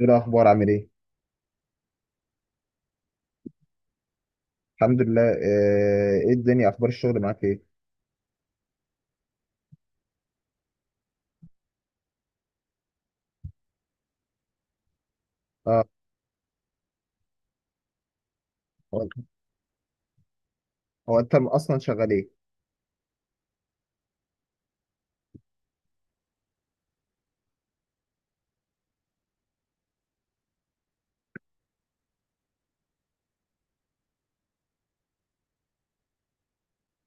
ايه الاخبار عامل ايه؟ الحمد لله، ايه الدنيا، اخبار الشغل معاك ايه؟ اه. هو هو انت اصلا شغال ايه؟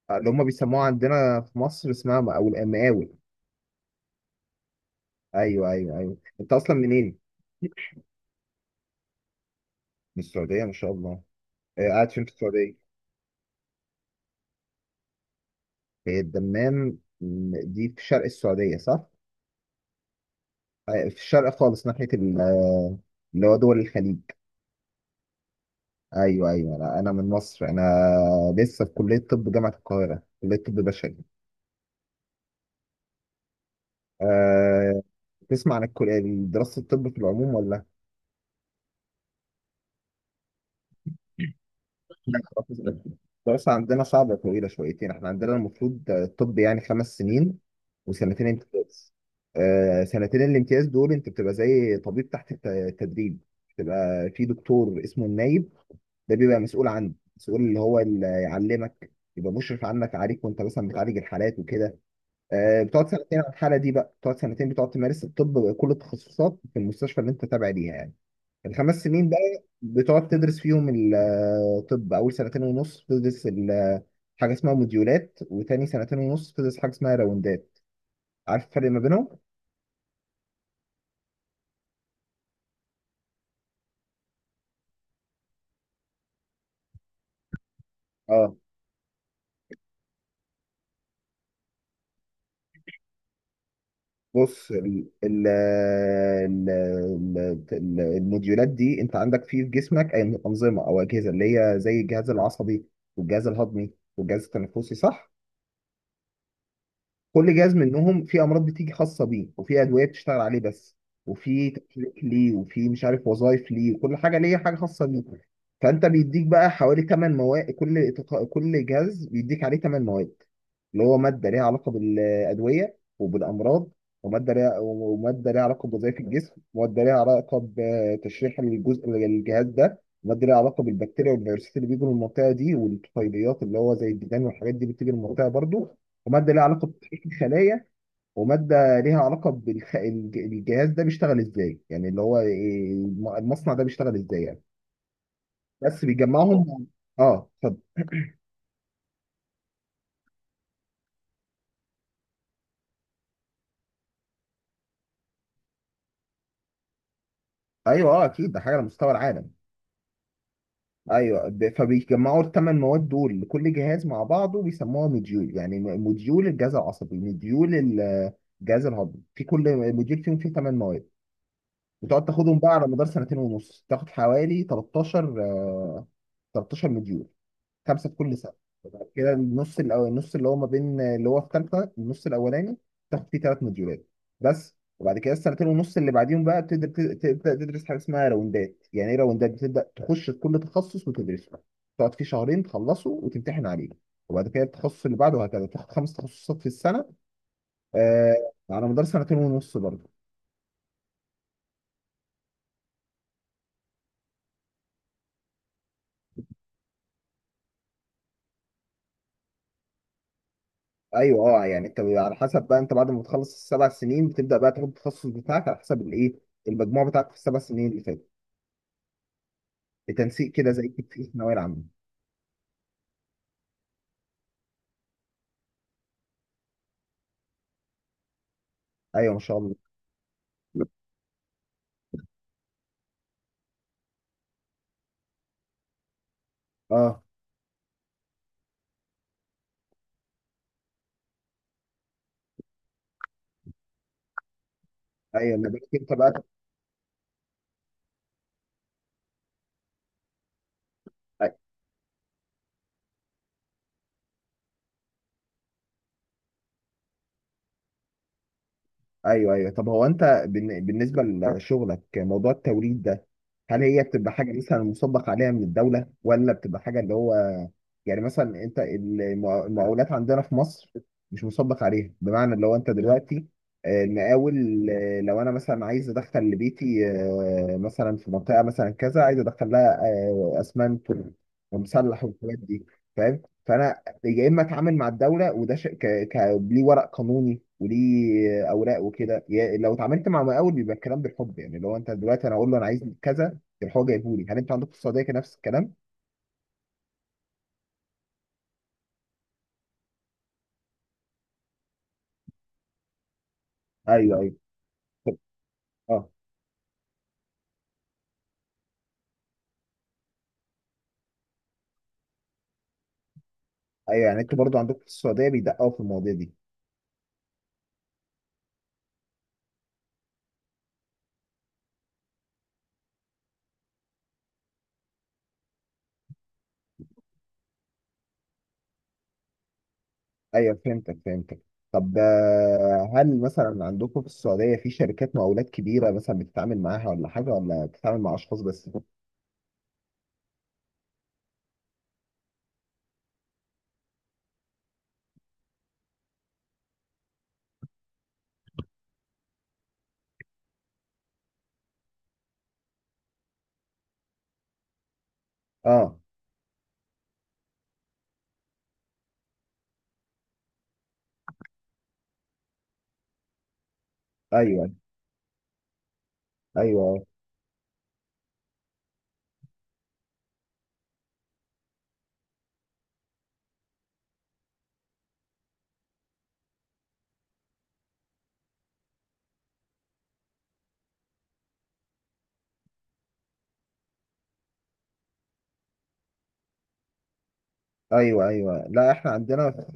اللي هم بيسموها عندنا في مصر اسمها مقاول مقاول. ايوه، ايوه، ايوه، انت اصلا منين؟ من السعوديه، ما شاء الله. قاعد فين في السعوديه؟ هي الدمام، دي في شرق السعوديه صح؟ في الشرق خالص ناحيه اللي هو دول الخليج. ايوه، ايوه، لا انا من مصر انا، لسه في كليه طب جامعه القاهره، كليه طب بشري. آه، تسمع عن الكلية دراسة الطب في العموم ولا؟ لا، الدراسة عندنا صعبة وطويلة شويتين، احنا عندنا المفروض الطب يعني 5 سنين وسنتين امتياز. سنتين الامتياز دول انت بتبقى زي طبيب تحت التدريب، بتبقى في دكتور اسمه النايب، ده بيبقى مسؤول عنه، مسؤول اللي هو اللي يعلمك، يبقى مشرف عنك عليك وانت مثلا بتعالج الحالات وكده. بتقعد سنتين على الحالة دي بقى، بتقعد سنتين بتقعد تمارس الطب بكل التخصصات في المستشفى اللي انت تابع ليها يعني. الخمس سنين بقى بتقعد تدرس فيهم الطب، اول سنتين ونص بتدرس حاجه اسمها موديولات، وتاني سنتين ونص بتدرس حاجه اسمها راوندات. عارف الفرق ما بينهم؟ اه. بص، الموديولات دي، انت عندك فيه في جسمك أي انظمه او اجهزه اللي هي زي الجهاز العصبي والجهاز الهضمي والجهاز التنفسي صح؟ كل جهاز منهم في امراض بتيجي خاصه بيه، وفي ادويه بتشتغل عليه بس، وفي تكليك ليه، وفي مش عارف وظائف ليه، وكل حاجه ليه حاجه خاصه بيه. فانت بيديك بقى حوالي 8 مواد، كل جهاز بيديك عليه 8 مواد، اللي هو ماده ليها علاقه بالادويه وبالامراض، وماده ليها علاقه بوظائف الجسم، وماده ليها علاقه بتشريح الجزء الجهاز ده، وماده ليها علاقه بالبكتيريا والفيروسات اللي بيجوا من المنطقه دي، والطفيليات اللي هو زي الديدان والحاجات دي بتيجي من المنطقه برضو، وماده ليها علاقه بتحقيق الخلايا، وماده ليها علاقه بالجهاز ده بيشتغل ازاي، يعني اللي هو المصنع ده بيشتغل ازاي يعني، بس بيجمعهم. اه اتفضل. ايوه، اه اكيد ده حاجه على مستوى العالم. ايوه، فبيجمعوا ال 8 مواد دول لكل جهاز مع بعضه بيسموها موديول، يعني موديول الجهاز العصبي، موديول الجهاز الهضمي، في كل موديول فيهم فيه 8 مواد. بتقعد تاخدهم بقى على مدار سنتين ونص، تاخد حوالي 13، 13 موديول، خمسه في كل سنه. فبعد كده النص الاول، النص اللي هو ما بين اللي هو في ثالثه، النص الاولاني تاخد فيه 3 مديولات بس. وبعد كده السنتين ونص اللي بعديهم بقى بتقدر تبدا تدرس حاجه اسمها راوندات. يعني ايه راوندات؟ بتبدا تخش في كل تخصص وتدرسه، تقعد فيه شهرين، تخلصه وتمتحن عليه، وبعد كده التخصص اللي بعده، وهكذا تاخد 5 تخصصات في السنه. آه. على مدار سنتين ونص برضه. ايوه، اه، يعني انت على حسب بقى، انت بعد ما تخلص السبع سنين بتبدا بقى تاخد التخصص بتاعك على حسب الايه، المجموع بتاعك في السبع سنين اللي فاتت، بتنسيق كده، زي كده في الثانويه العامه. ايوه ما شاء الله. اه. ايوه اللي بالك انت بقى. ايوه، ايوه، طب هو انت بالنسبه لشغلك، موضوع التوريد ده هل هي بتبقى حاجه مثلا مصدق عليها من الدوله، ولا بتبقى حاجه اللي هو، يعني مثلا انت المقاولات عندنا في مصر مش مصدق عليها، بمعنى اللي هو انت دلوقتي، المقاول، لو انا مثلا عايز ادخل لبيتي، مثلا في منطقه مثلا كذا عايز ادخل لها اسمنت ومسلح والحاجات دي، فاهم؟ فانا يا اما اتعامل مع الدوله وده شيء ك... ليه ورق قانوني وليه اوراق وكده. يعني لو اتعاملت مع مقاول بيبقى الكلام بالحب يعني، لو انت دلوقتي انا اقول له انا عايز كذا يروح هو جايبه لي. هل انتوا عندكم في السعوديه كان نفس الكلام؟ ايوه، ايوه، طب. اه، ايوه، يعني انتوا برضو عندكم في السعوديه بيدققوا في المواضيع دي. ايوه، فهمتك، فهمتك. طب هل مثلا عندكم في السعوديه في شركات مقاولات كبيره مثلا بتتعامل معاها ولا حاجه، ولا بتتعامل مع اشخاص بس؟ اه، ايوه، ايوه، ايوه، ايوه. لا احنا عندنا في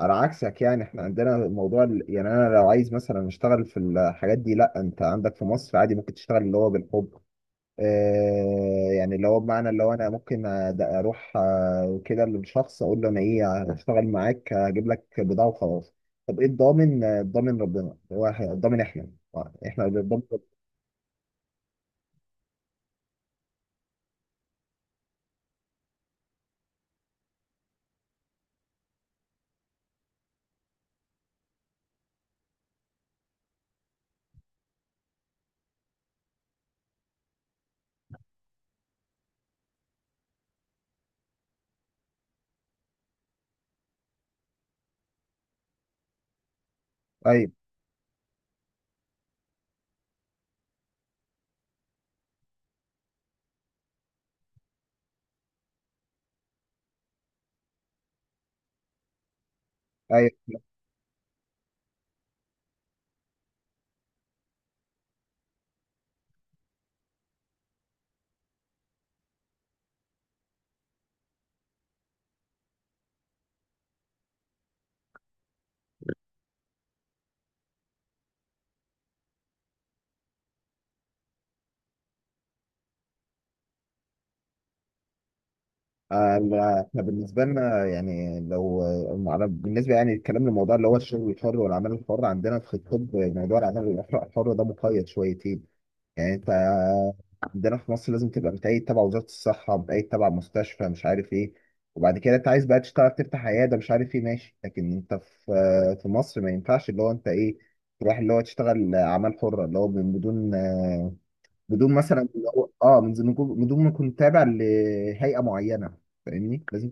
على عكسك، يعني احنا عندنا الموضوع يعني انا لو عايز مثلا اشتغل في الحاجات دي، لا انت عندك في مصر عادي ممكن تشتغل اللي هو بالحب، آه يعني اللي هو بمعنى اللي هو انا ممكن اروح، كده للشخص اقول له انا ايه، هشتغل معاك هجيب لك بضاعه وخلاص. طب ايه الضامن؟ الضامن ربنا. هو الضامن احنا، احنا اللي بنضمن ايوه، ايوه. لا، احنا بالنسبه لنا يعني لو بالنسبه يعني الكلام للموضوع اللي هو الشغل الحر والعمل الحر، عندنا في الطب موضوع العمل الحر الحر ده مقيد شويتين. يعني انت عندنا في مصر لازم تبقى متأيد تبع وزاره الصحه، متأيد تبع مستشفى مش عارف ايه، وبعد كده انت عايز بقى تشتغل تفتح عياده مش عارف ايه، ماشي. لكن انت في مصر ما ينفعش، اللي هو انت ايه، تروح اللي هو تشتغل اعمال حره اللي هو من بدون، بدون ما تكون تابع لهيئه معينه، فاهمني؟ لازم.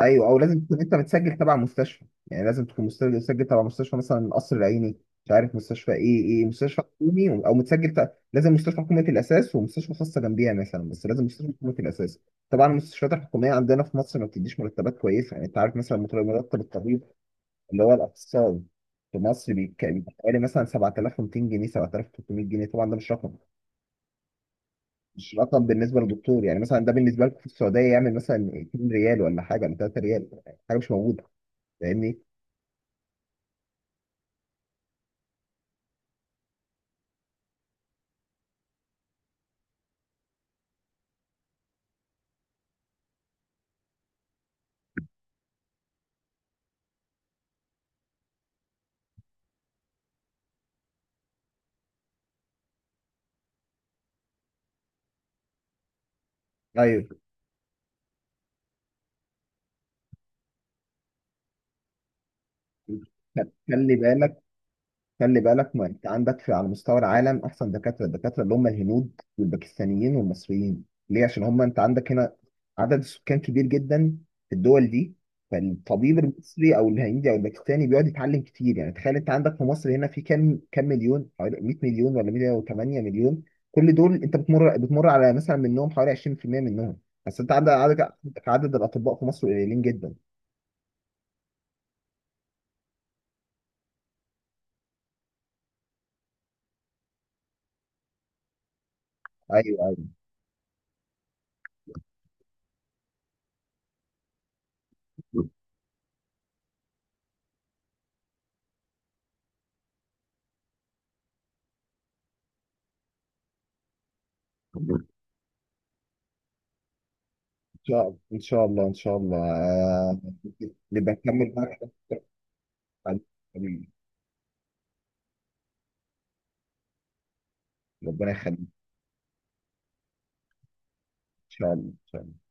ايوه، او لازم تكون انت متسجل تبع مستشفى، يعني لازم تكون متسجل تبع مستشفى مثلا القصر العيني، مش عارف مستشفى ايه، ايه مستشفى حكومي او لازم مستشفى حكومه الاساس، ومستشفى خاصه جنبيها مثلا، بس لازم مستشفى حكومه الاساس. طبعا المستشفيات الحكوميه عندنا في مصر ما بتديش مرتبات كويسه. يعني انت عارف مثلا مرتب الطبيب اللي هو الاخصائي في مصر بيبقى حوالي مثلا 7200 جنيه، 7300 جنيه، طبعا ده مش رقم، مش رقم بالنسبه للدكتور. يعني مثلا ده بالنسبه لكم في السعوديه يعمل مثلا 2 ريال ولا حاجه، ولا 3 ريال، حاجه مش موجوده، فاهمني؟ طيب. خلي بالك، خلي بالك، ما انت عندك في على مستوى العالم احسن دكاتره الدكاتره اللي هم الهنود والباكستانيين والمصريين، ليه؟ عشان هم انت عندك هنا عدد السكان كبير جدا في الدول دي، فالطبيب المصري او الهندي او الباكستاني بيقعد يتعلم كتير، يعني تخيل، انت عندك في مصر هنا في كام مليون؟ حوالي 100 مليون ولا 108 مليون، كل دول انت بتمر على مثلا منهم حوالي 20% منهم بس. انت عندك عدد الاطباء في مصر قليلين جدا. ايوه، ايوه. شاء الله، ان شاء الله، ان شاء الله، نبقى نكمل بقى حديث عن- ربنا يخليك، ان شاء الله، إن شاء الله.